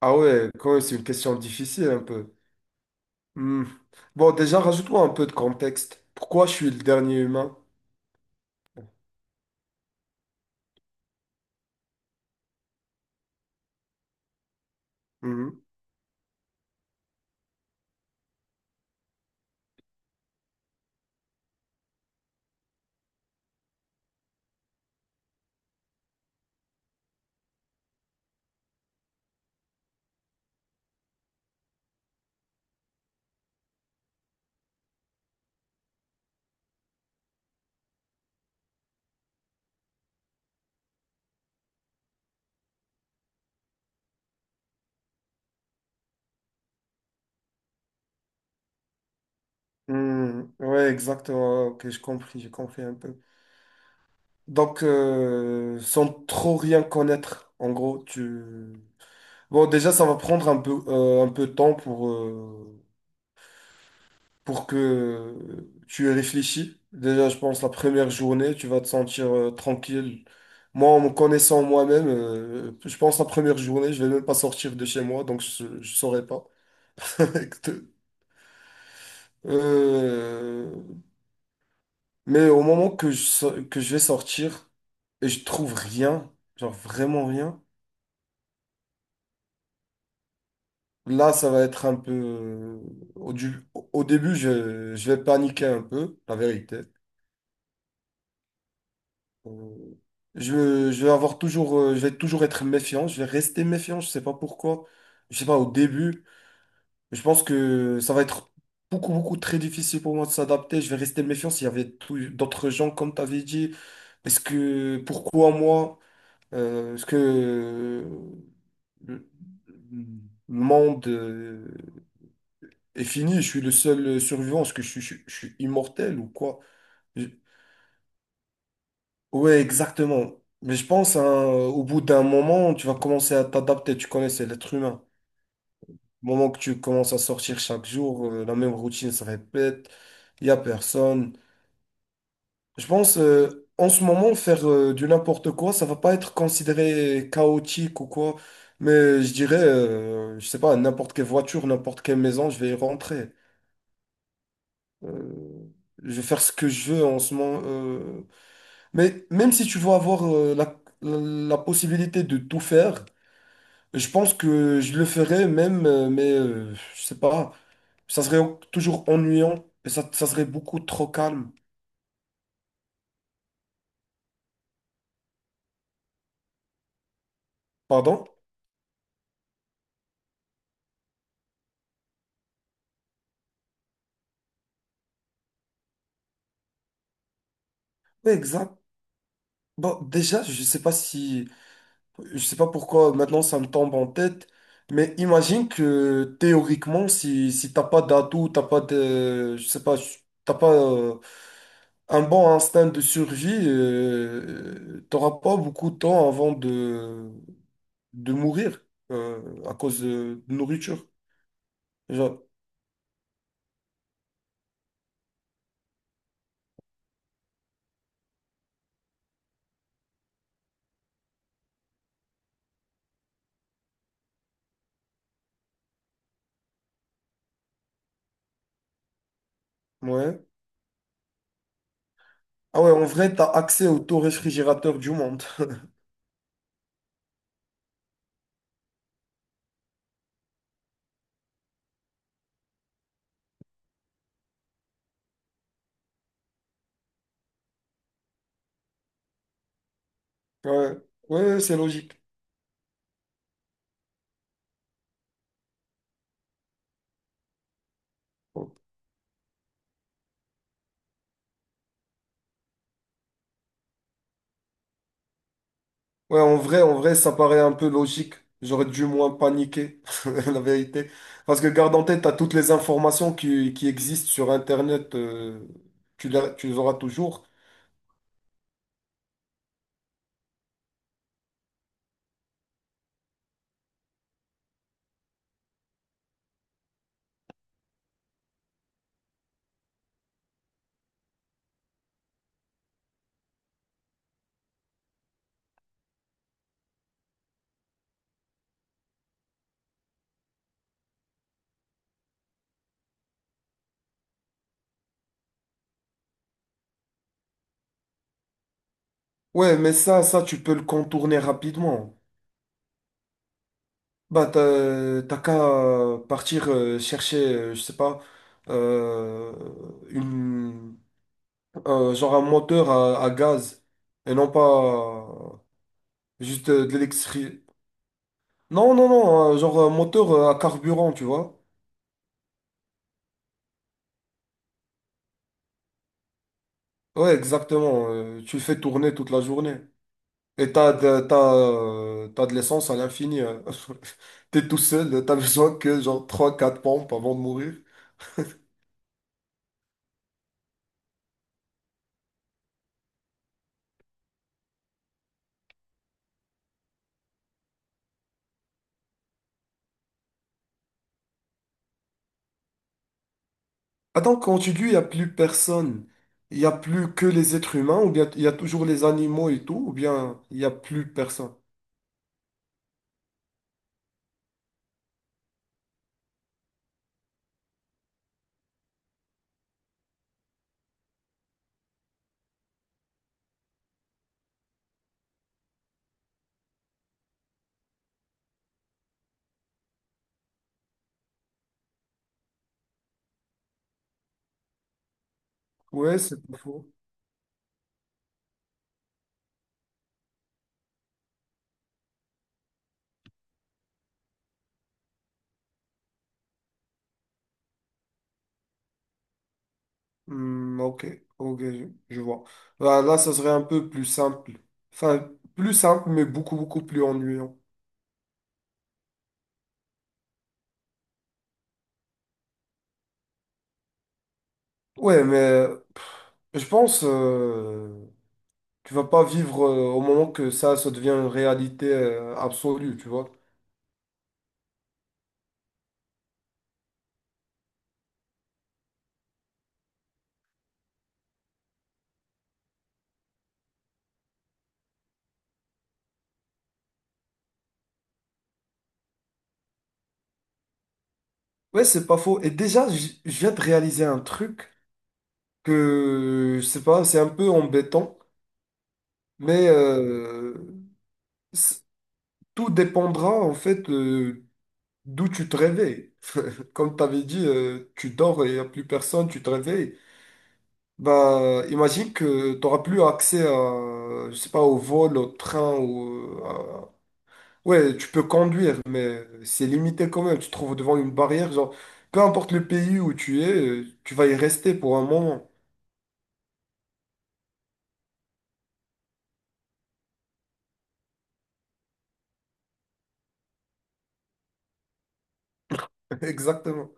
Ah ouais, quand même, c'est une question difficile un peu. Hmm. Bon, déjà, rajoute-moi un peu de contexte. Pourquoi je suis le dernier humain? Mhm. Hmm. Ouais, exactement. Ok, j'ai compris un peu. Donc, sans trop rien connaître, en gros, tu... Bon, déjà, ça va prendre un peu de temps pour que tu y réfléchis. Déjà, je pense la première journée, tu vas te sentir tranquille. Moi, en me connaissant moi-même, je pense la première journée, je vais même pas sortir de chez moi, donc je ne saurais pas. Euh, mais au moment que que je vais sortir et je trouve rien, genre vraiment rien, là, ça va être un peu... Au, du- Au début, je vais paniquer un peu, la vérité. Euh, je vais avoir toujours, je vais toujours être méfiant, je vais rester méfiant, je sais pas pourquoi, je sais pas au début, je pense que ça va être beaucoup, beaucoup très difficile pour moi de s'adapter, je vais rester méfiant s'il y avait tout- d'autres gens comme tu avais dit, est-ce que, pourquoi moi, est-ce que le monde est fini, je suis le seul survivant, est-ce que je suis immortel ou quoi? Ouais, exactement. Mais je pense, hein, au bout d'un moment, tu vas commencer à t'adapter. Tu connais, c'est l'être humain. Au moment que tu commences à sortir chaque jour, la même routine se répète, il n'y a personne. Je pense, en ce moment, faire du n'importe quoi, ça va pas être considéré chaotique ou quoi. Mais je dirais, je sais pas, n'importe quelle voiture, n'importe quelle maison, je vais y rentrer. Euh, je vais faire ce que je veux en ce moment. Mais même si tu veux avoir la possibilité de tout faire, je pense que je le ferais même, mais je sais pas, ça serait toujours ennuyant et ça serait beaucoup trop calme. Pardon? Oui, exact. Bon, déjà, je sais pas si, je sais pas pourquoi maintenant ça me tombe en tête, mais imagine que théoriquement, si t'as pas d'atout, t'as pas de, je sais pas, t'as pas un bon instinct de survie, t'auras pas beaucoup de temps avant de mourir à cause de nourriture. Genre. Ouais. Ah ouais, en vrai, t'as accès au taux réfrigérateur du monde. Ouais, ouais, c'est logique. Ouais, en vrai, ça paraît un peu logique. J'aurais dû moins paniquer, la vérité. Parce que garde en tête, t'as toutes les informations qui existent sur Internet, tu tu les auras toujours. Ouais, mais ça, tu peux le contourner rapidement. Bah, t'as qu'à partir chercher, je sais pas, euh, une genre un moteur à gaz et non pas juste de l'électricité. Non, non, non, genre un moteur à carburant, tu vois. Ouais, exactement. Tu le fais tourner toute la journée. Et t'as de l'essence à l'infini. T'es tout seul, t'as besoin que genre trois quatre pompes avant de mourir. Attends, quand tu dis il n'y a plus personne, il n'y a plus que les êtres humains, ou bien il y a toujours les animaux et tout, ou bien il n'y a plus personne. Ouais, c'est pas faux. Hmm, ok, ok, je vois. Là, ça serait un peu plus simple. Enfin, plus simple, mais beaucoup, beaucoup plus ennuyant. Ouais, mais pff, je pense tu vas pas vivre au moment que ça devient une réalité absolue, tu vois. Ouais, c'est pas faux. Et déjà, je viens de réaliser un truc que, je sais pas, c'est un peu embêtant, mais c- tout dépendra, en fait, d'où tu te réveilles. Comme tu avais dit, tu dors et il n'y a plus personne, tu te réveilles. Bah, imagine que tu n'auras plus accès à, je sais pas, au vol, au train ou à- Ouais, tu peux conduire, mais c'est limité quand même. Tu te trouves devant une barrière, genre, peu importe le pays où tu es, tu vas y rester pour un moment. Exactement.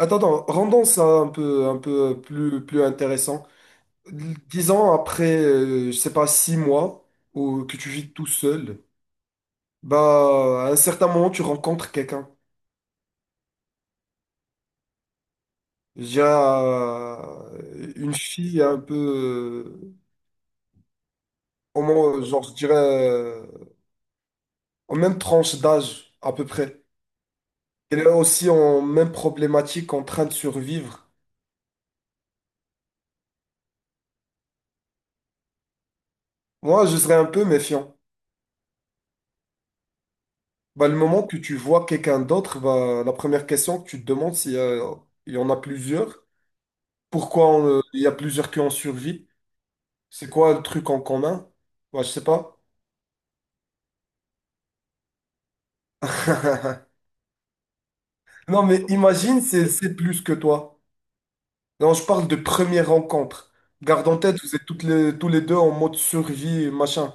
Attends, attends, rendons ça un peu plus, plus intéressant. Disons après, je sais pas, 6 mois, ou que tu vis tout seul. Bah, à un certain moment, tu rencontres quelqu'un. J'ai une fille un peu, euh, au moins, genre, je dirais, en même tranche d'âge, à peu près. Elle est aussi en même problématique, en train de survivre. Moi, je serais un peu méfiant. Bah, le moment que tu vois quelqu'un d'autre, bah, la première question que tu te demandes, il y en a plusieurs, pourquoi on, il y a plusieurs qui ont survécu, c'est quoi le truc en commun? Bah, je sais pas. Non, mais imagine, c'est plus que toi. Non, je parle de première rencontre. Garde en tête, vous êtes tous les deux en mode survie, machin.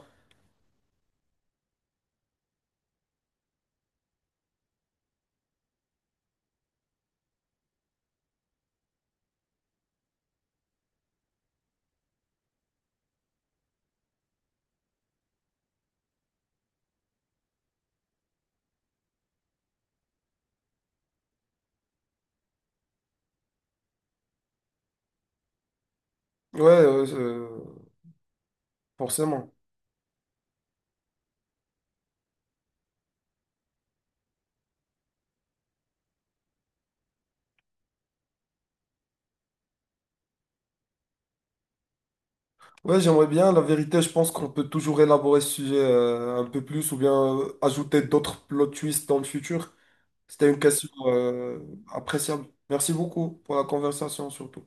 Ouais, forcément. Ouais, j'aimerais bien. La vérité, je pense qu'on peut toujours élaborer ce sujet un peu plus ou bien ajouter d'autres plot twists dans le futur. C'était une question appréciable. Merci beaucoup pour la conversation, surtout.